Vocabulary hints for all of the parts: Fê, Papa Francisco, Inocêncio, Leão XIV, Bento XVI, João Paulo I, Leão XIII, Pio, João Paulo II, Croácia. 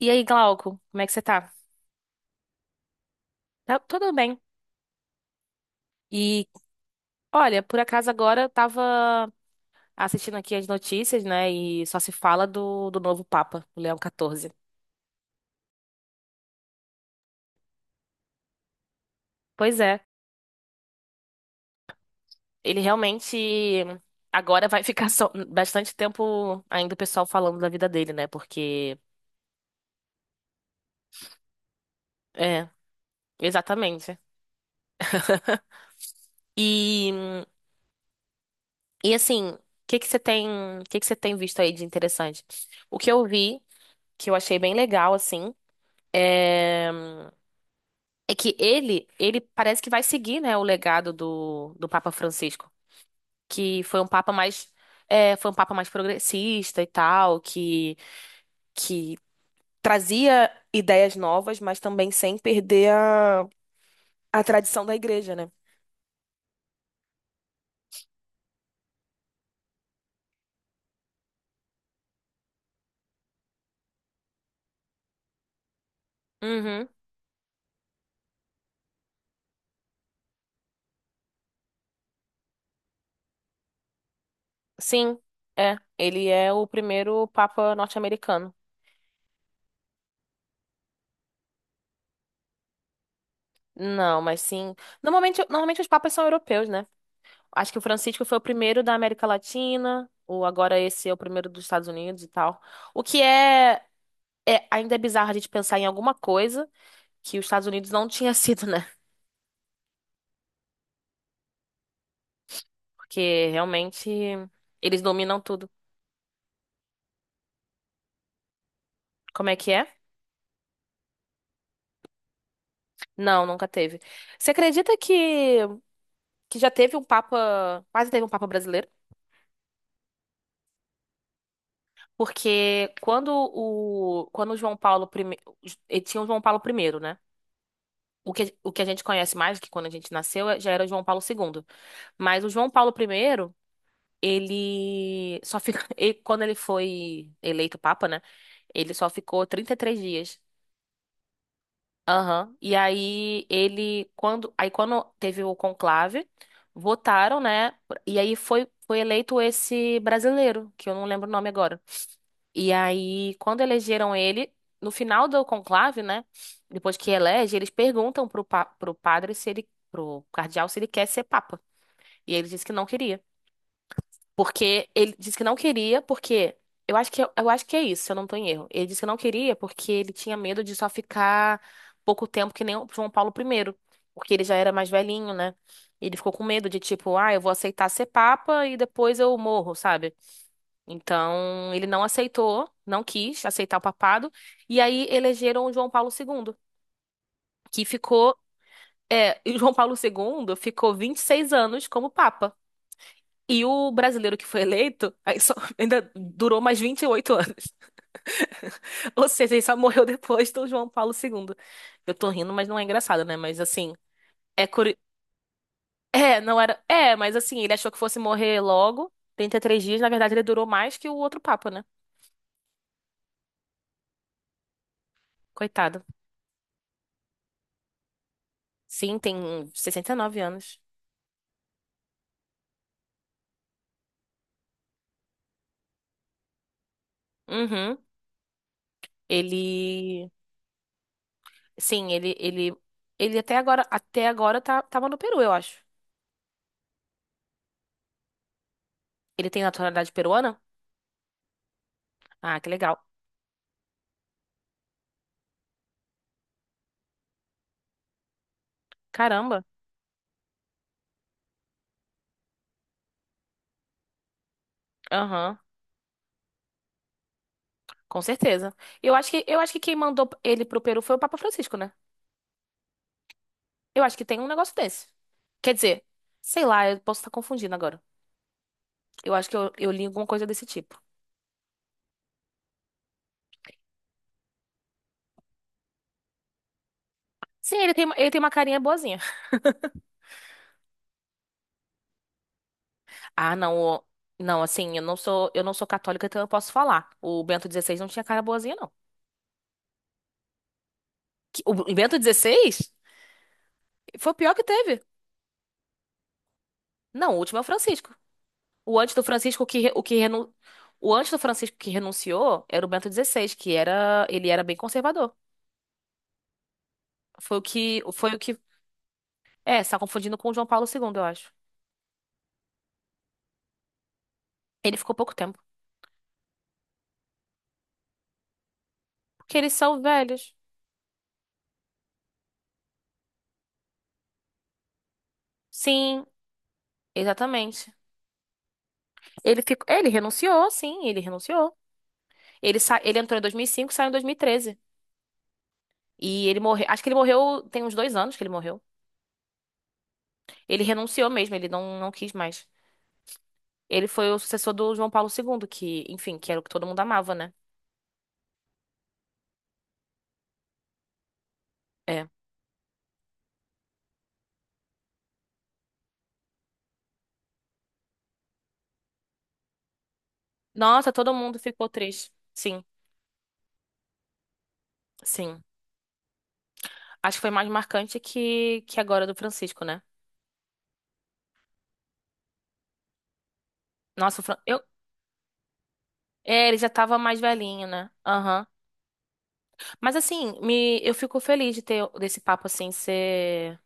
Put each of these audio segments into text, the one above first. E aí, Glauco, como é que você tá? Tá tudo bem. E Olha, por acaso agora eu tava assistindo aqui as notícias, né? E só se fala do novo Papa, o Leão XIV. Pois é, ele realmente agora vai bastante tempo ainda o pessoal falando da vida dele, né? Porque. É, exatamente. E, e assim, que que você tem, o que que você tem visto aí de interessante? O que eu vi, que Eu achei bem legal, assim. é É que ele parece que vai seguir, né, o legado do Papa Francisco, que foi um é, foi um papa mais progressista e tal, que trazia ideias novas, mas também sem perder a tradição da igreja, né? Uhum, sim, é. Ele é o primeiro papa norte-americano. Não, mas sim. Normalmente os papas são europeus, né? Acho que o Francisco foi o primeiro da América Latina, ou agora esse é o primeiro dos Estados Unidos e tal. O que é. É, ainda é bizarro a gente pensar em alguma coisa que os Estados Unidos não tinha sido, né? Porque realmente eles dominam tudo. Como é que é? Não, nunca teve. Você acredita que já teve um Papa, quase teve um Papa brasileiro? Porque quando o ele tinha o João Paulo I, né? O que A gente conhece mais, que quando a gente nasceu, já era o João Paulo segundo. Mas o João Paulo I Ele só fica. E quando ele foi eleito Papa, né? Ele só ficou 33 dias. Aham. Aí quando teve o conclave, votaram, né? E aí foi eleito esse brasileiro, que eu não lembro o nome agora. E aí, quando elegeram ele, no final do conclave, né? Depois que elege, eles perguntam pro padre se ele. Pro cardeal se ele quer ser papa. E ele disse que não queria. Porque ele disse que não queria, porque. Eu acho eu acho que é isso, se eu não tô em erro. Ele disse que não queria porque ele tinha medo de só ficar pouco tempo que nem o João Paulo primeiro, porque ele já era mais velhinho, né? Ele ficou com medo de tipo, ah, eu vou aceitar ser papa e depois eu morro, sabe? Então, ele não aceitou, não quis aceitar o papado, e aí elegeram o João Paulo segundo que ficou, é, e o João Paulo segundo ficou 26 anos como papa. E o brasileiro que foi eleito ainda durou mais 28 anos. Ou seja, ele só morreu depois do João Paulo II. Eu tô rindo, mas não é engraçado, né? Mas assim, é curi... É, não era. É, mas assim, ele achou que fosse morrer logo, 33 dias. Na verdade, ele durou mais que o outro Papa, né? Coitado. Sim, tem 69 anos. Uhum. Ele. Sim, ele, ele. Ele até agora tava no Peru, eu acho. Ele tem naturalidade peruana? Ah, que legal. Caramba. Aham. Com certeza. Eu acho eu acho que quem mandou ele pro Peru foi o Papa Francisco, né? Eu acho que tem um negócio desse. Quer dizer, sei lá, eu posso estar confundindo agora. Eu acho que eu li alguma coisa desse tipo. Sim, ele tem uma carinha boazinha. Ah, não, o- eu não sou católica, então eu posso falar. O Bento XVI não tinha cara boazinha, não. O Bento XVI foi o pior que teve. Não, o último é o Francisco. O antes do Francisco que, re- o que renu, O antes do Francisco que renunciou era o Bento XVI, ele era bem conservador. Foi o que, foi o que, é, você tá confundindo com o João Paulo II, eu acho. Ele ficou pouco tempo, porque eles são velhos. Sim, exatamente. Ele ficou, é, ele renunciou, sim, ele renunciou. Ele entrou em 2005, saiu em 2013 e ele morreu, acho que ele morreu, tem uns dois anos que ele morreu. Ele renunciou mesmo, ele não, não quis mais. Ele foi o sucessor do João Paulo II, que, enfim, que era o que todo mundo amava, né? É. Nossa, todo mundo ficou triste. Sim, sim. Acho que foi mais marcante que agora do Francisco, né? Nossa, o Fran- eu, É, ele já tava mais velhinho, né? Aham. Mas assim, eu fico feliz de ter desse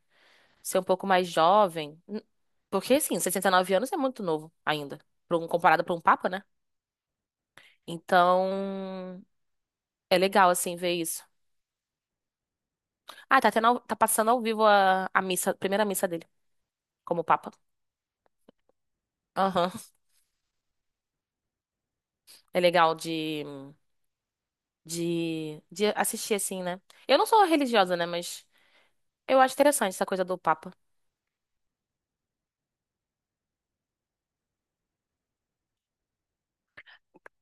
ser um pouco mais jovem. Porque assim, 69 anos é muito novo ainda, comparado pra um papa, né? Então, é legal assim ver isso. Ah, tá passando ao vivo a missa, a primeira missa dele como papa. Aham. É legal de assistir assim, né? Eu não sou religiosa, né, mas eu acho interessante essa coisa do papa.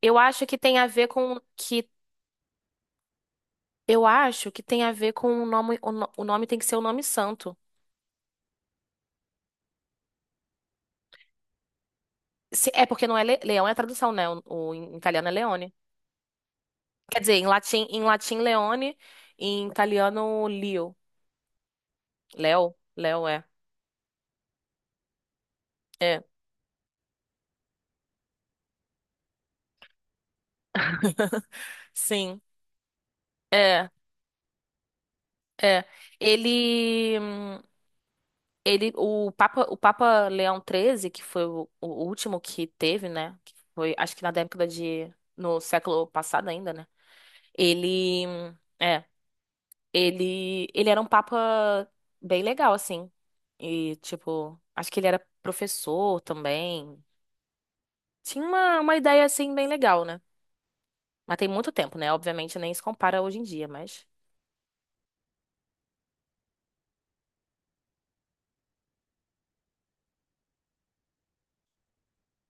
Eu acho que tem a ver com que Eu acho que tem a ver com o nome. O, no- O nome tem que ser o nome santo. É porque não é leão, é a tradução, né? Em italiano é leone. Quer dizer, em em latim leone, em italiano Leo. Leo, Leo é. É. Sim. É, é. Ele, hum, o Papa Leão XIII, que foi o último que teve, né? Que foi, acho que na no século passado ainda, né? É. Ele era um papa bem legal, assim. E, tipo, acho que ele era professor também. Tinha uma ideia, assim, bem legal, né? Mas tem muito tempo, né? Obviamente nem se compara hoje em dia, mas.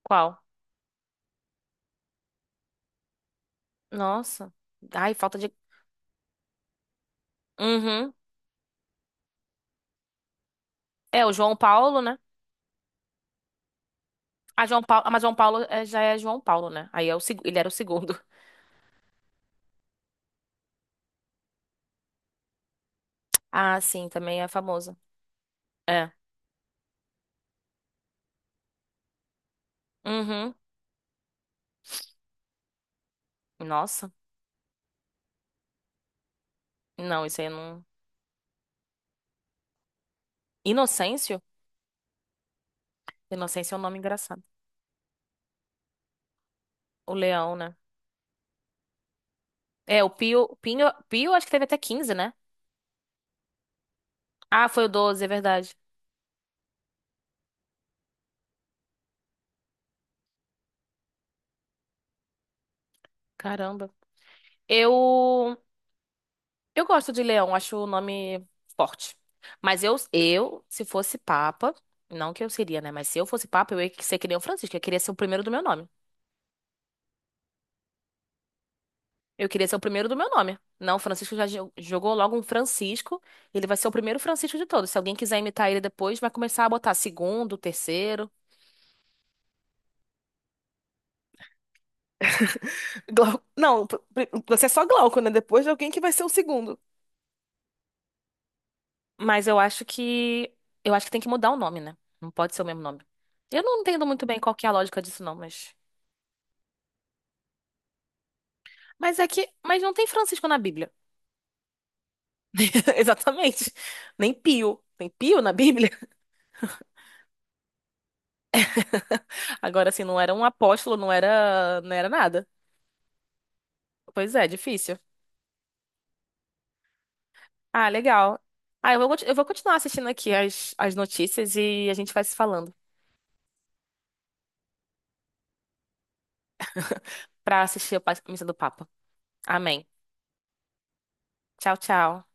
Qual? Nossa. Ai, falta de. Uhum. É, o João Paulo, né? Ah, João Paulo. Ah, mas já é João Paulo, né? Aí é ele era o segundo. Ah, sim, também é famoso. É. Uhum. Nossa. Não, isso aí eu não. Inocêncio? Inocêncio é um nome engraçado. O leão, né? É, o Pio acho que teve até 15, né? Ah, foi o 12, é verdade. Caramba. Eu eu gosto de leão, acho o nome forte. Mas eu, se fosse papa, não que eu seria, né, mas se eu fosse papa, eu ia ser que nem o Francisco, eu queria ser o primeiro do meu nome. Eu queria ser o primeiro do meu nome. Não, o Francisco jogou logo um Francisco, ele vai ser o primeiro Francisco de todos. Se alguém quiser imitar ele depois, vai começar a botar segundo, terceiro. Não, você é só Glauco, né? Depois de alguém que vai ser o segundo. Mas eu acho que eu acho que tem que mudar o nome, né? Não pode ser o mesmo nome. Eu não entendo muito bem qual que é a lógica disso, não, mas. Mas é que. Mas não tem Francisco na Bíblia. Exatamente. Nem Pio. Tem Pio na Bíblia. Agora, assim, não era um apóstolo, não era, não era nada. Pois é, difícil. Ah, legal. Ah, eu vou continuar assistindo aqui as notícias e a gente vai se falando pra assistir a pa- Missa do Papa. Amém. Tchau, tchau.